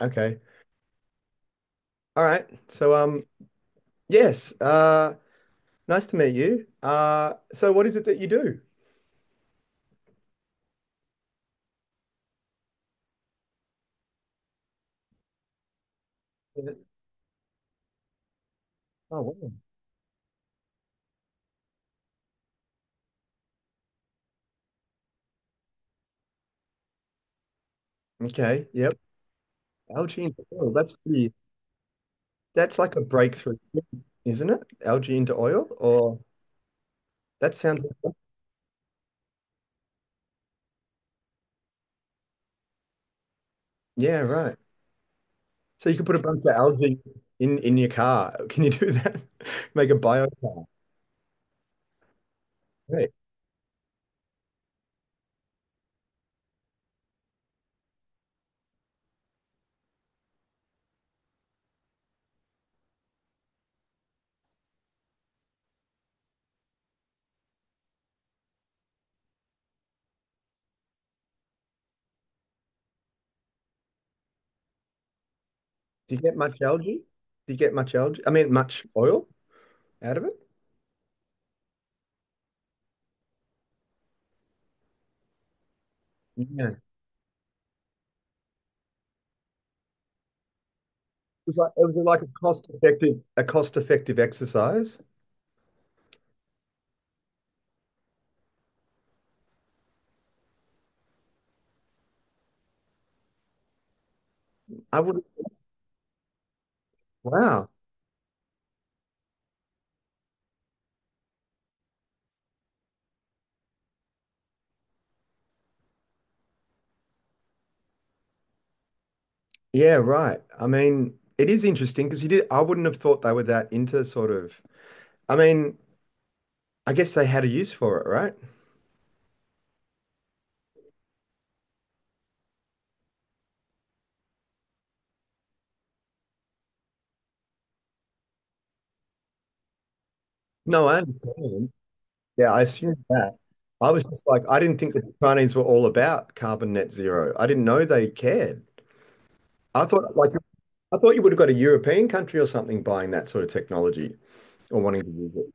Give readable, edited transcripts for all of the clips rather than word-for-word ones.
Okay. All right. Yes. Nice to meet you. So what is it that you do? Yeah. Oh, wow. Okay. Yep. Algae into oil. That's like a breakthrough, isn't it? Algae into oil, or that sounds, yeah, right. So you can put a bunch of algae in your car. Can you do that? Make a bio car. Right. Do you get much algae? Do you get much algae? I mean, much oil out of it? Yeah. was like it was like a cost effective exercise. I would wow. Yeah, right. I mean, it is interesting because you did. I wouldn't have thought they were that into sort of, I mean, I guess they had a use for it, right? No, I understand. Yeah, I assume that. I was just like, I didn't think that the Chinese were all about carbon net zero. I didn't know they cared. I thought like, I thought you would have got a European country or something buying that sort of technology or wanting to use it.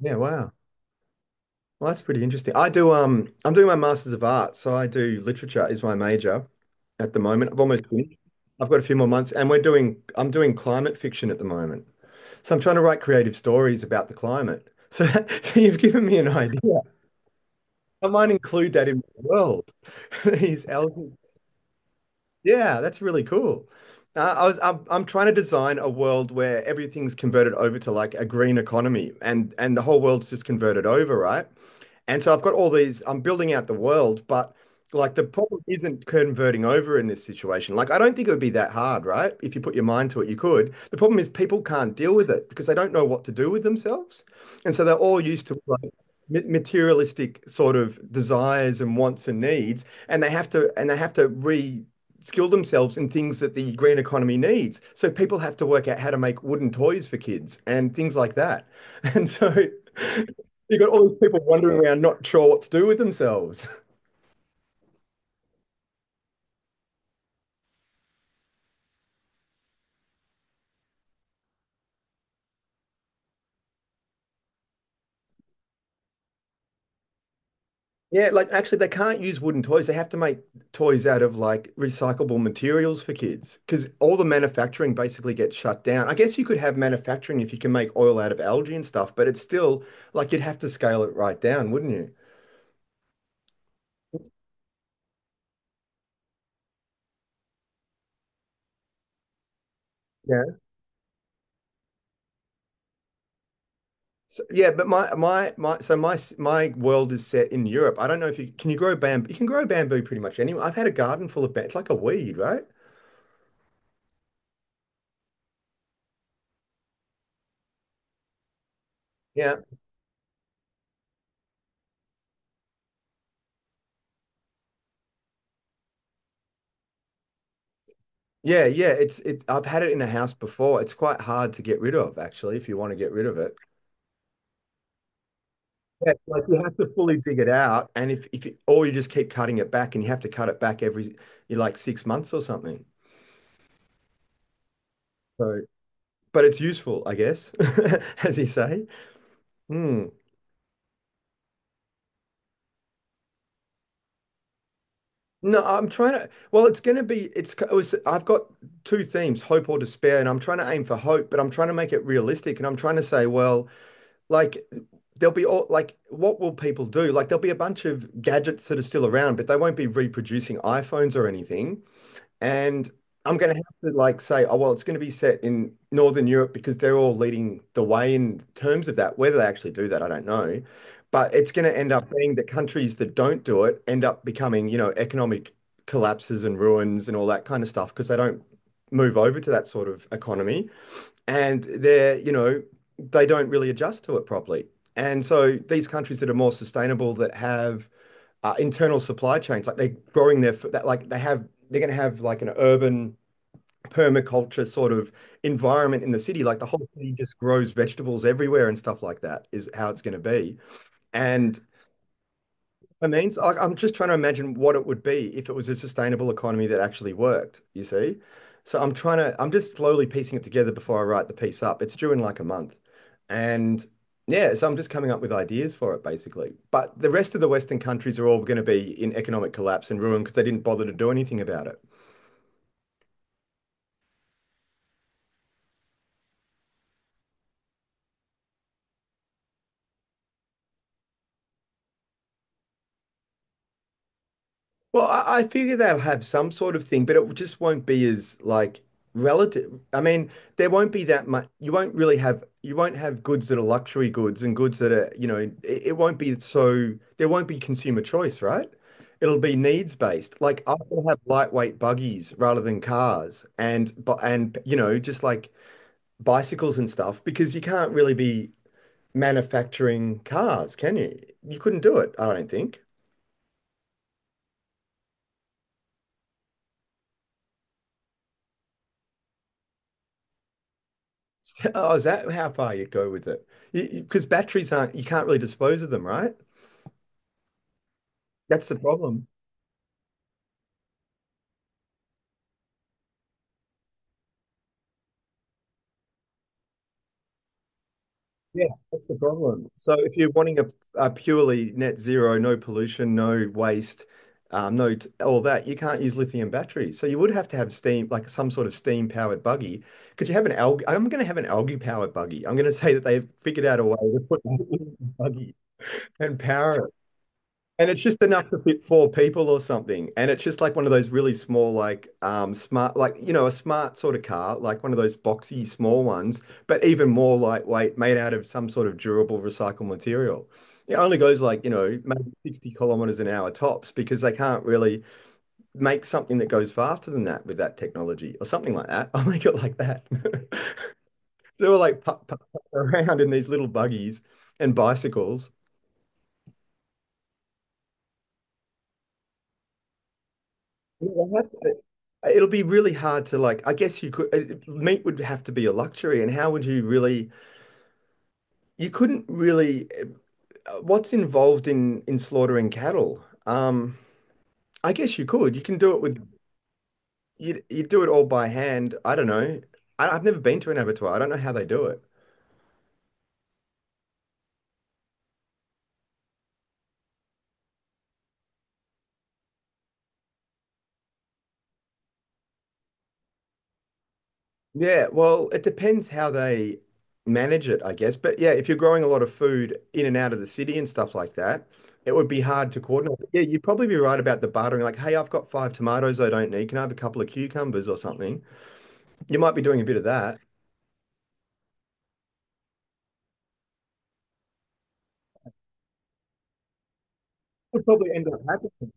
Yeah, wow. Well, that's pretty interesting. I'm doing my Masters of Art, so I do literature is my major at the moment. I've almost finished. I've got a few more months, and we're doing I'm doing climate fiction at the moment. So I'm trying to write creative stories about the climate. So, so you've given me an idea. I might include that in my world. These elements. Yeah, that's really cool. I'm trying to design a world where everything's converted over to like a green economy and the whole world's just converted over, right? And so I've got all these, I'm building out the world, but like the problem isn't converting over in this situation. Like, I don't think it would be that hard, right? If you put your mind to it, you could. The problem is people can't deal with it because they don't know what to do with themselves. And so they're all used to like materialistic sort of desires and wants and needs, and they have to re skill themselves in things that the green economy needs. So people have to work out how to make wooden toys for kids and things like that. And so you got all these people wandering around, not sure what to do with themselves. Yeah, like actually, they can't use wooden toys. They have to make toys out of like recyclable materials for kids because all the manufacturing basically gets shut down. I guess you could have manufacturing if you can make oil out of algae and stuff, but it's still like you'd have to scale it right down, wouldn't you? Yeah. So my my world is set in Europe. I don't know if you can you grow bamboo. You can grow bamboo pretty much anywhere. I've had a garden full of bamboo. It's like a weed, right? Yeah. Yeah, yeah, it's it. I've had it in a house before. It's quite hard to get rid of, actually, if you want to get rid of it. Yeah, like you have to fully dig it out, and if you, or you just keep cutting it back, and you have to cut it back every you like 6 months or something. So, but it's useful, I guess, as you say. Hmm. No, I'm trying to. Well, it's going to be. It's. It was, I've got two themes: hope or despair, and I'm trying to aim for hope, but I'm trying to make it realistic, and I'm trying to say, well, like there'll be all like what will people do? Like there'll be a bunch of gadgets that are still around, but they won't be reproducing iPhones or anything. And I'm going to have to like say, oh well, it's going to be set in Northern Europe because they're all leading the way in terms of that. Whether they actually do that, I don't know. But it's going to end up being that countries that don't do it end up becoming, you know, economic collapses and ruins and all that kind of stuff because they don't move over to that sort of economy and they're, you know, they don't really adjust to it properly. And so these countries that are more sustainable, that have internal supply chains, like they're growing their, that like they have, they're going to have like an urban permaculture sort of environment in the city. Like the whole city just grows vegetables everywhere and stuff like that is how it's going to be. And I mean, so, like, I'm just trying to imagine what it would be if it was a sustainable economy that actually worked, you see? So I'm just slowly piecing it together before I write the piece up. It's due in like a month. And yeah, so I'm just coming up with ideas for it basically. But the rest of the Western countries are all going to be in economic collapse and ruin because they didn't bother to do anything about it. Well, I figure they'll have some sort of thing, but it just won't be as like relative. I mean, there won't be that much. You won't have goods that are luxury goods and goods that are, you know, it won't be so there won't be consumer choice, right? It'll be needs based. Like I will have lightweight buggies rather than cars, and you know, just like bicycles and stuff because you can't really be manufacturing cars, can you? You couldn't do it, I don't think. Oh, is that how far you go with it? Because batteries aren't, you can't really dispose of them, right? That's the problem. Yeah, that's the problem. So if you're wanting a purely net zero, no pollution, no waste, no t- all that, you can't use lithium batteries. So you would have to have steam, like some sort of steam powered buggy. Could you have an algae? I'm going to have an algae powered buggy. I'm going to say that they've figured out a way to put algae in a buggy and power it. And it's just enough to fit four people or something. And it's just like one of those really small, smart, like, you know, a smart sort of car, like one of those boxy small ones, but even more lightweight, made out of some sort of durable recycled material. It only goes like, you know, maybe 60 kilometers an hour tops because they can't really make something that goes faster than that with that technology or something like that. I'll make it like that. They were like putt, putt, putt around in these little buggies and bicycles. Yeah, they have to. It'll be really hard to like, I guess you could, it- meat would have to be a luxury. And how would you really, you couldn't really, what's involved in slaughtering cattle? I guess you could. You can do it with, you do it all by hand. I don't know. I've never been to an abattoir. I don't know how they do it. Yeah, well, it depends how they manage it, I guess. But yeah, if you're growing a lot of food in and out of the city and stuff like that, it would be hard to coordinate. Yeah, you'd probably be right about the bartering, like, hey, I've got five tomatoes I don't need. Can I have a couple of cucumbers or something? You might be doing a bit of that. Would probably end up happening.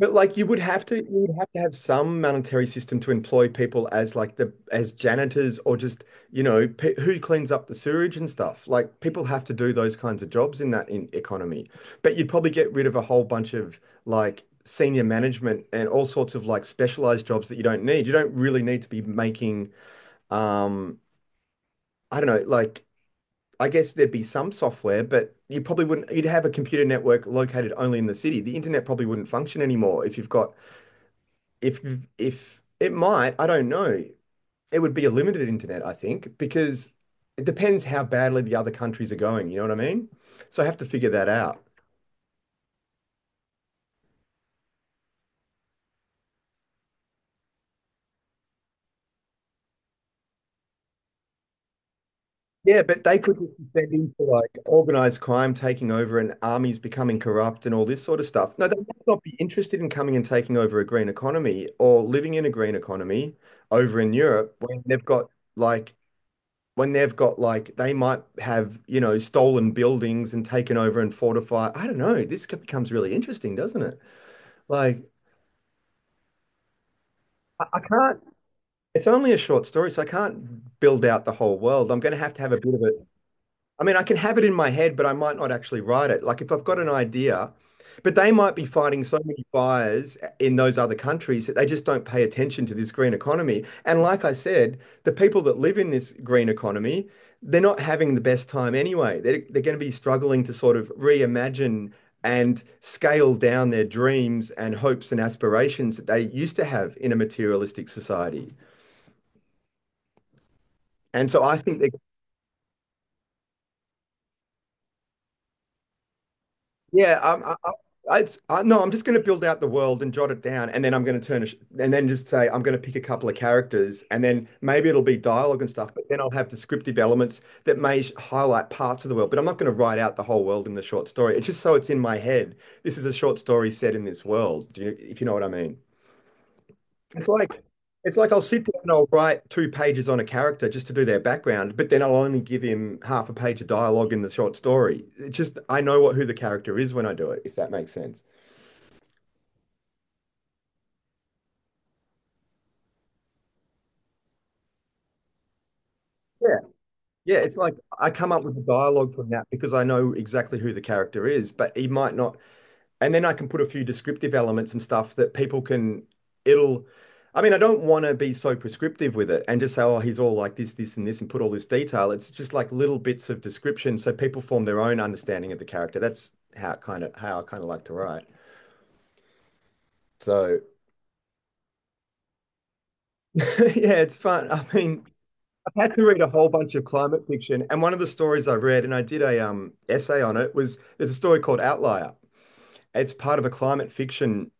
But like you would have to have some monetary system to employ people as like the as janitors or just you know pe who cleans up the sewage and stuff. Like people have to do those kinds of jobs in that in economy. But you'd probably get rid of a whole bunch of like senior management and all sorts of like specialized jobs that you don't need. You don't really need to be making um I don't know like I guess there'd be some software, but you probably wouldn't you'd have a computer network located only in the city. The internet probably wouldn't function anymore if you've got if if it might, I don't know. It would be a limited internet, I think, because it depends how badly the other countries are going. You know what I mean? So I have to figure that out. Yeah, but they could just descend into like organized crime taking over and armies becoming corrupt and all this sort of stuff. No, they might not be interested in coming and taking over a green economy or living in a green economy over in Europe when they've got like when they've got like they might have, stolen buildings and taken over and fortify. I don't know. This becomes really interesting, doesn't it? Like I can't. It's only a short story, so I can't build out the whole world. I'm going to have a bit of a I mean, I can have it in my head, but I might not actually write it. Like if I've got an idea, but they might be fighting so many fires in those other countries that they just don't pay attention to this green economy. And like I said, the people that live in this green economy, they're not having the best time anyway. They're going to be struggling to sort of reimagine and scale down their dreams and hopes and aspirations that they used to have in a materialistic society. And so I think they're. Yeah, no, I'm just going to build out the world and jot it down, and then I'm going to turn, a sh and then just say I'm going to pick a couple of characters, and then maybe it'll be dialogue and stuff, but then I'll have descriptive elements that highlight parts of the world. But I'm not going to write out the whole world in the short story. It's just so it's in my head. This is a short story set in this world. If you know what I mean? It's like it's like I'll sit down and I'll write two pages on a character just to do their background, but then I'll only give him half a page of dialogue in the short story. It just I know what who the character is when I do it, if that makes sense. Yeah. Yeah, it's like I come up with the dialogue from that because I know exactly who the character is, but he might not and then I can put a few descriptive elements and stuff that people can. It'll. I mean, I don't want to be so prescriptive with it and just say, oh, he's all like this, and this, and put all this detail. It's just like little bits of description, so people form their own understanding of the character. That's how kind of how I kind of like to write. So yeah, it's fun. I mean, I've had to read a whole bunch of climate fiction, and one of the stories I read, and I did a essay on it, was there's a story called Outlier. It's part of a climate fiction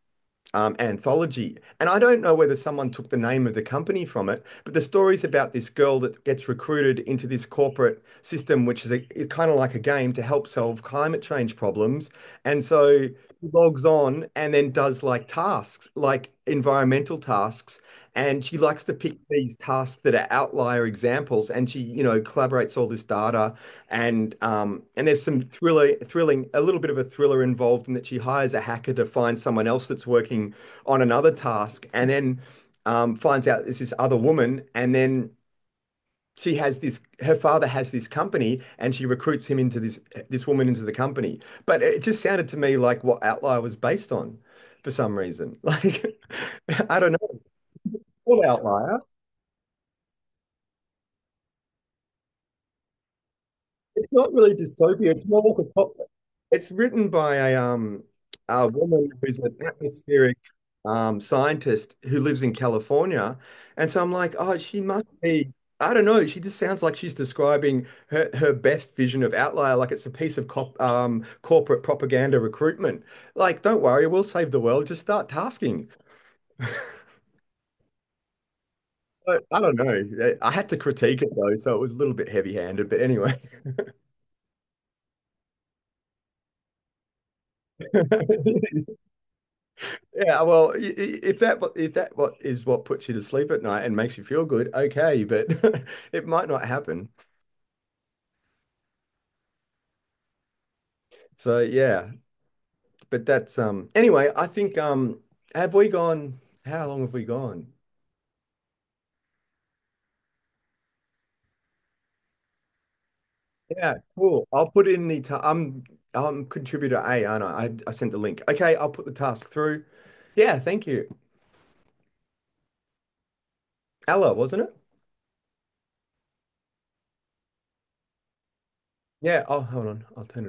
anthology. And I don't know whether someone took the name of the company from it, but the story's about this girl that gets recruited into this corporate system, which is is kind of like a game to help solve climate change problems. And so she logs on and then does like tasks, like environmental tasks. And she likes to pick these tasks that are outlier examples. And she, you know, collaborates all this data and there's some thrilling, a little bit of a thriller involved in that she hires a hacker to find someone else that's working on another task and then finds out it's this other woman. And then she has this, her father has this company and she recruits him into this woman into the company. But it just sounded to me like what Outlier was based on for some reason. Like, I don't know. It's called Outlier. It's not really dystopia. It's more like a pop. It's written by a a woman who's an atmospheric scientist who lives in California, and so I'm like, oh, she must be. I don't know. She just sounds like she's describing her best vision of Outlier, like it's a piece of corporate propaganda recruitment. Like, don't worry, we'll save the world. Just start tasking. So, I don't know. I had to critique it though, so it was a little bit heavy-handed. But anyway. Yeah, well, if if that what is what puts you to sleep at night and makes you feel good, okay, but it might not happen. So yeah, but that's anyway, I think have we gone how long have we gone? Yeah, cool. I'll put in the ta I'm contributor A, aren't I? I sent the link. Okay, I'll put the task through. Yeah, thank you. Ella, wasn't it? Yeah, oh hold on. I'll turn